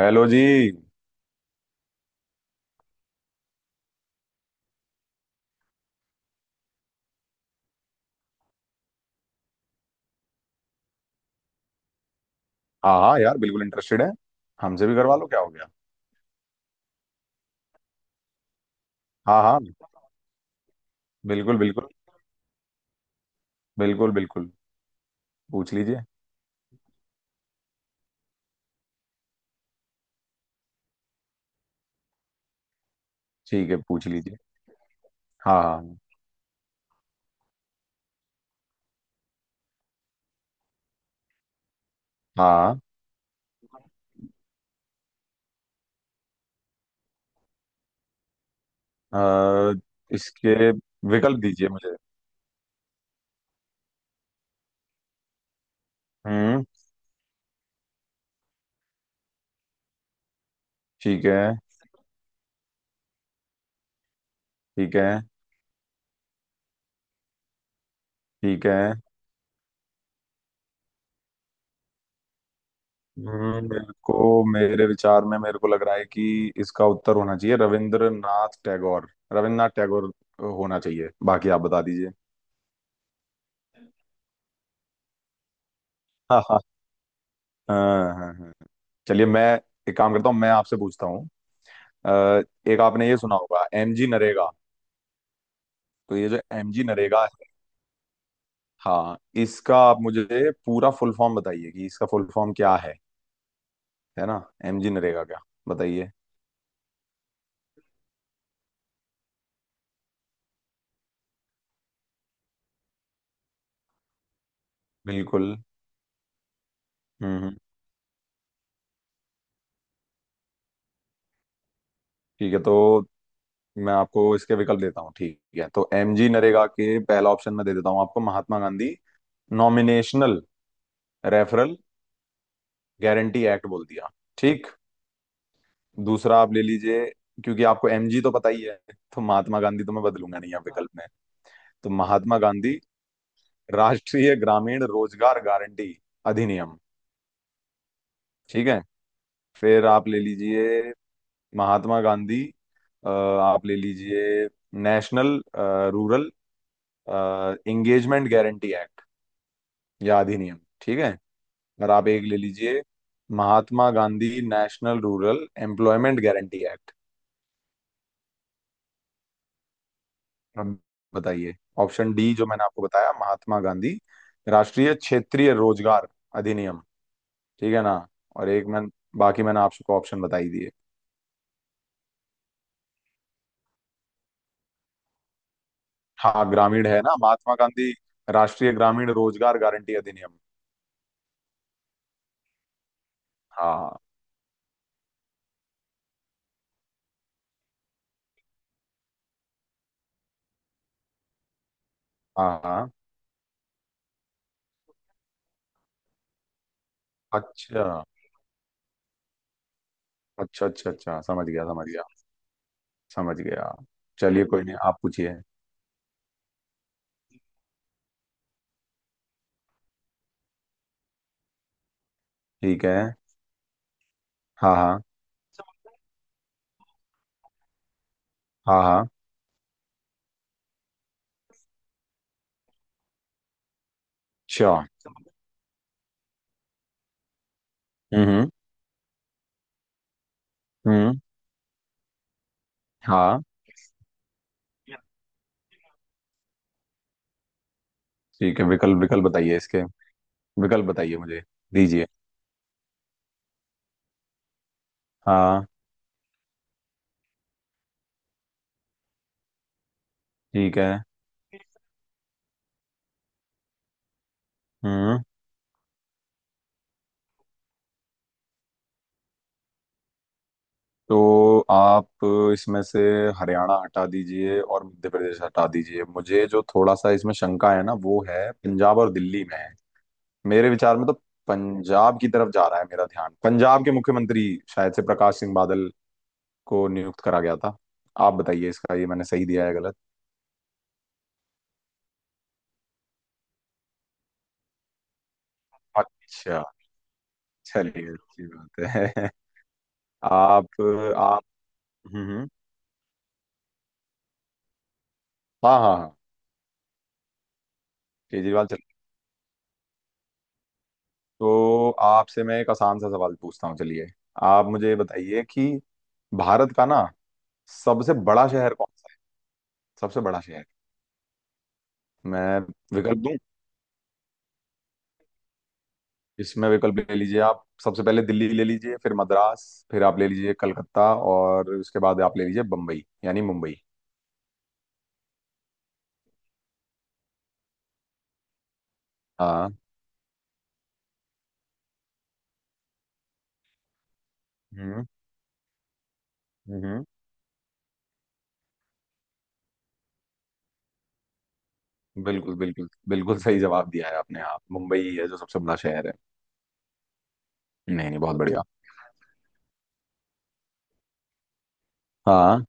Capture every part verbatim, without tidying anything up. Hello जी। हाँ हाँ यार, बिल्कुल इंटरेस्टेड है। हमसे भी करवा लो, क्या हो गया। हाँ हाँ। बिल्कुल बिल्कुल। बिल्कुल बिल्कुल। पूछ लीजिए। ठीक है, पूछ लीजिए। हाँ हाँ हाँ। हाँ, अ, इसके विकल्प दीजिए मुझे। हम्म। ठीक है। ठीक है। ठीक है। हम्म, मेरे को, मेरे विचार में, मेरे को लग रहा है कि इसका उत्तर होना चाहिए रविंद्रनाथ टैगोर। रविंद्रनाथ टैगोर होना चाहिए, बाकी आप बता दीजिए। हाँ हाँ। हाँ हाँ हाँ। चलिए, मैं एक काम करता हूँ, मैं आपसे पूछता हूँ। अ, एक आपने ये सुना होगा, एमजी नरेगा। तो ये जो एमजी नरेगा है, हाँ, इसका आप मुझे पूरा फुल फॉर्म बताइए कि इसका फुल फॉर्म क्या है है ना। एमजी नरेगा क्या, बताइए। बिल्कुल। हम्म हम्म, ठीक है तो मैं आपको इसके विकल्प देता हूँ। ठीक है तो एमजी नरेगा के पहला ऑप्शन मैं दे देता हूँ आपको, Mahatma Gandhi nominational referral guarantee act बोल दिया। ठीक। दूसरा आप ले लीजिए, क्योंकि आपको एमजी तो पता ही है, तो महात्मा गांधी तो मैं बदलूंगा नहीं यहाँ विकल्प में। तो महात्मा गांधी राष्ट्रीय ग्रामीण रोजगार गारंटी अधिनियम। ठीक है, फिर आप ले लीजिए महात्मा गांधी। अ, आप ले लीजिए national rural engagement guarantee act या अधिनियम। ठीक है, और आप एक ले लीजिए Mahatma Gandhi national rural employment guarantee act. अब बताइए ऑप्शन डी जो मैंने आपको बताया, महात्मा गांधी राष्ट्रीय क्षेत्रीय रोजगार अधिनियम। ठीक है ना। और एक मैं, बाकी मैंने आपको ऑप्शन बताई दिए। हाँ ग्रामीण है ना, महात्मा गांधी राष्ट्रीय ग्रामीण रोजगार गारंटी अधिनियम। हाँ हाँ हाँ। अच्छा अच्छा अच्छा अच्छा, समझ गया समझ गया। समझ गया। चलिए कोई नहीं, आप पूछिए। ठीक है। हाँ हाँ। हाँ हाँ। अच्छा। हम्म। हम्म हम्म, हाँ। ठीक है, विकल्प विकल्प बताइए इसके। विकल्प बताइए मुझे। दीजिए। हाँ। ठीक है। हम्म। तो आप इसमें से हरियाणा हटा दीजिए और मध्य प्रदेश हटा दीजिए। मुझे जो थोड़ा सा इसमें शंका है ना, वो है पंजाब और दिल्ली में है। मेरे विचार में तो पंजाब की तरफ जा रहा है मेरा ध्यान, पंजाब के मुख्यमंत्री शायद से प्रकाश सिंह बादल को नियुक्त करा गया था। आप बताइए इसका, ये मैंने सही दिया है गलत। अच्छा। चलिए, अच्छी बात है। आप आप। हम्म हम्म, हाँ हाँ हाँ। केजरीवाल, चलिए। तो आपसे मैं एक आसान सा सवाल पूछता हूँ, चलिए। आप मुझे बताइए कि भारत का ना सबसे बड़ा शहर कौन सा है? सबसे बड़ा शहर। मैं विकल्प दूं। इसमें विकल्प ले लीजिए आप, सबसे पहले दिल्ली ले लीजिए, फिर मद्रास, फिर आप ले लीजिए कलकत्ता, और उसके बाद आप ले लीजिए बम्बई यानी मुंबई। हाँ। हम्म हम्म। बिल्कुल बिल्कुल बिल्कुल सही जवाब दिया है आपने, हाँ मुंबई ही है जो सबसे बड़ा शहर है। नहीं नहीं, बहुत बढ़िया। हाँ।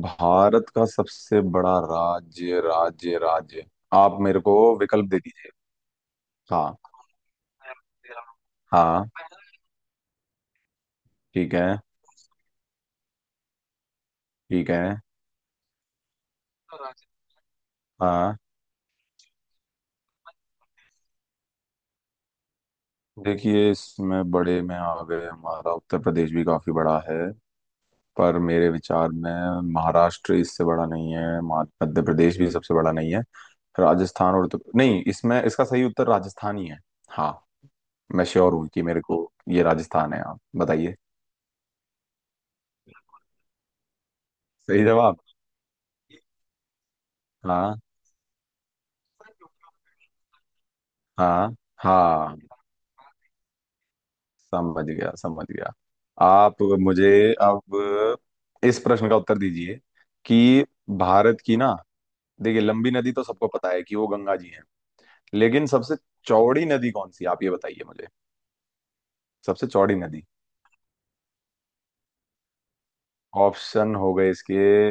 भारत का सबसे बड़ा राज्य। राज्य राज्य। आप मेरे को विकल्प दे दीजिए। हाँ। हाँ। ठीक है। ठीक है। राज्य। हाँ। देखिए, इसमें बड़े में आ गए, हमारा उत्तर प्रदेश भी काफी बड़ा है, पर मेरे विचार में महाराष्ट्र इससे बड़ा नहीं है, मा- मध्य प्रदेश भी सबसे बड़ा नहीं है। राजस्थान और उत्तर, नहीं, इसमें इसका सही उत्तर राजस्थान ही है। हाँ, मैं श्योर हूँ कि मेरे को ये राजस्थान है। आप बताइए। सही जवाब। हाँ हाँ हाँ। समझ गया समझ गया। आप मुझे अब इस प्रश्न का उत्तर दीजिए, कि भारत की ना, देखिए लंबी नदी तो सबको पता है कि वो गंगा जी हैं, लेकिन सबसे चौड़ी नदी कौन सी है? आप ये बताइए मुझे। सबसे चौड़ी नदी। ऑप्शन हो गए इसके,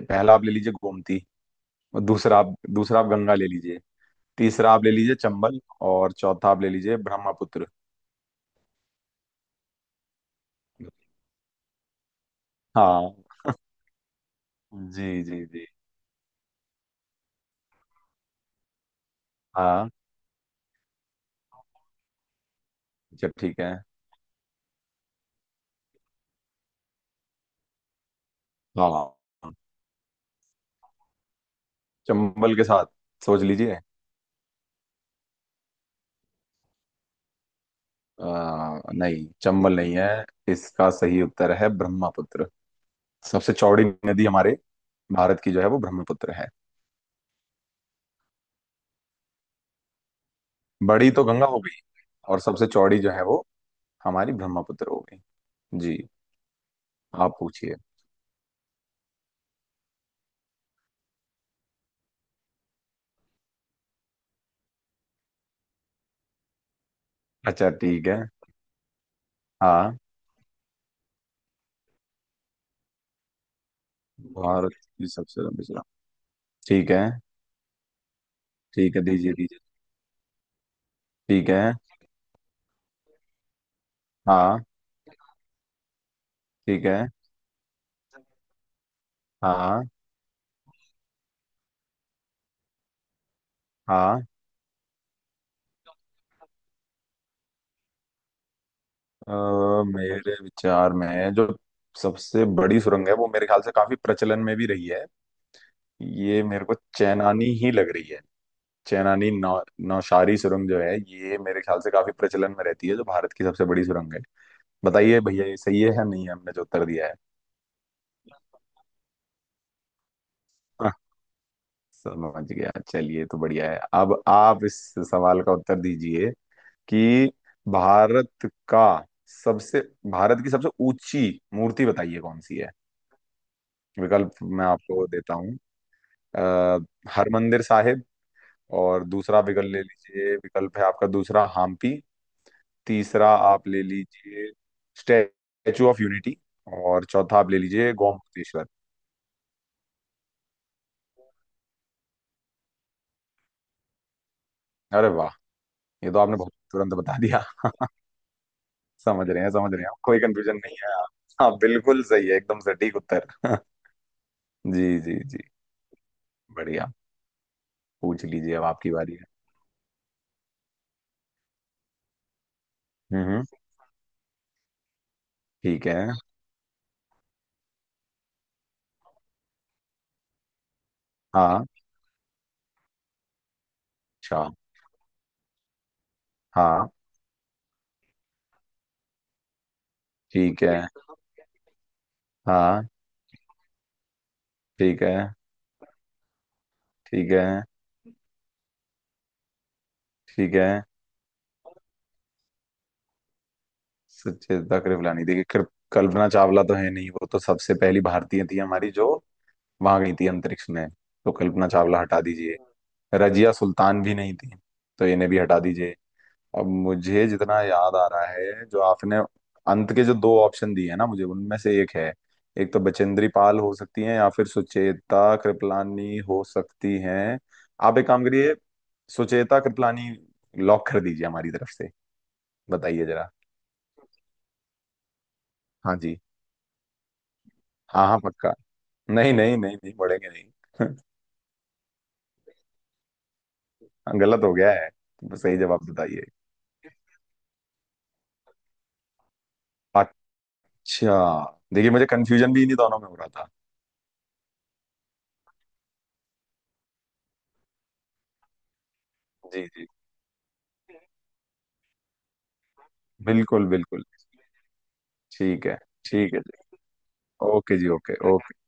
पहला आप ले लीजिए गोमती, और दूसरा आप दूसरा आप गंगा ले लीजिए, तीसरा आप ले लीजिए चंबल, और चौथा आप ले लीजिए ब्रह्मपुत्र। हाँ। जी जी जी। हाँ। अच्छा ठीक है। हाँ हाँ, हाँ। चंबल के साथ सोच लीजिए। आ, नहीं, चंबल नहीं है। इसका सही उत्तर है ब्रह्मपुत्र। सबसे चौड़ी नदी हमारे भारत की जो है वो ब्रह्मपुत्र है। बड़ी तो गंगा हो गई, और सबसे चौड़ी जो है वो हमारी ब्रह्मपुत्र हो गई। जी। आप पूछिए। अच्छा ठीक है। हाँ, भारत की सबसे लंबी सुरंग। ठीक है। ठीक है, दीजिए दीजिए। ठीक है। हाँ। ठीक है। हाँ। हाँ। अ, मेरे विचार में जो सबसे बड़ी सुरंग है वो मेरे ख्याल से काफी प्रचलन में भी रही है। ये मेरे को चेनानी ही लग रही है। चेनानी नौ नौशारी सुरंग जो है ये मेरे ख्याल से काफी प्रचलन में रहती है, जो भारत की सबसे बड़ी सुरंग है। बताइए भैया ये सही है या नहीं है हमने जो उत्तर दिया है। हाँ, समझ गया। चलिए तो बढ़िया है। अब आप इस सवाल का उत्तर दीजिए कि भारत का सबसे भारत की सबसे ऊंची मूर्ति बताइए कौन सी है। विकल्प मैं आपको देता हूँ। अः हरमंदिर साहिब। और दूसरा विकल्प ले लीजिए, विकल्प है आपका दूसरा हम्पी। तीसरा आप ले लीजिए स्टैचू ऑफ यूनिटी। और चौथा आप ले लीजिए गोमतेश्वर। अरे वाह, ये तो आपने बहुत तुरंत बता दिया। समझ रहे हैं समझ रहे हैं, कोई कंफ्यूजन नहीं है आप। हाँ बिल्कुल सही है, एकदम सटीक उत्तर। जी जी जी। बढ़िया। पूछ लीजिए, अब आपकी बारी है। हम्म हम्म, ठीक है। हाँ। अच्छा। हाँ। ठीक है। हाँ। ठीक है। ठीक है। ठीक है। सचेता कृपलानी, देखिए, कृप- कल्पना चावला तो है नहीं, वो तो सबसे पहली भारतीय थी हमारी जो वहां गई थी अंतरिक्ष में, तो कल्पना चावला हटा दीजिए। रजिया सुल्तान भी नहीं थी तो इन्हें भी हटा दीजिए। अब मुझे जितना याद आ रहा है, जो आपने अंत के जो दो ऑप्शन दिए हैं ना, मुझे उनमें से एक है। एक तो बचेंद्री पाल हो सकती हैं या फिर सुचेता कृपलानी हो सकती हैं। आप एक काम करिए, सुचेता कृपलानी लॉक कर दीजिए हमारी तरफ से। बताइए जरा। हाँ जी। हाँ हाँ, पक्का। नहीं नहीं नहीं नहीं, बढ़ेंगे नहीं। गलत हो गया है तो सही जवाब बताइए। अच्छा, देखिए, मुझे कंफ्यूजन भी इन्हीं दोनों में हो रहा था। जी जी। बिल्कुल बिल्कुल। ठीक है। ठीक है जी। ओके जी। Okay okay.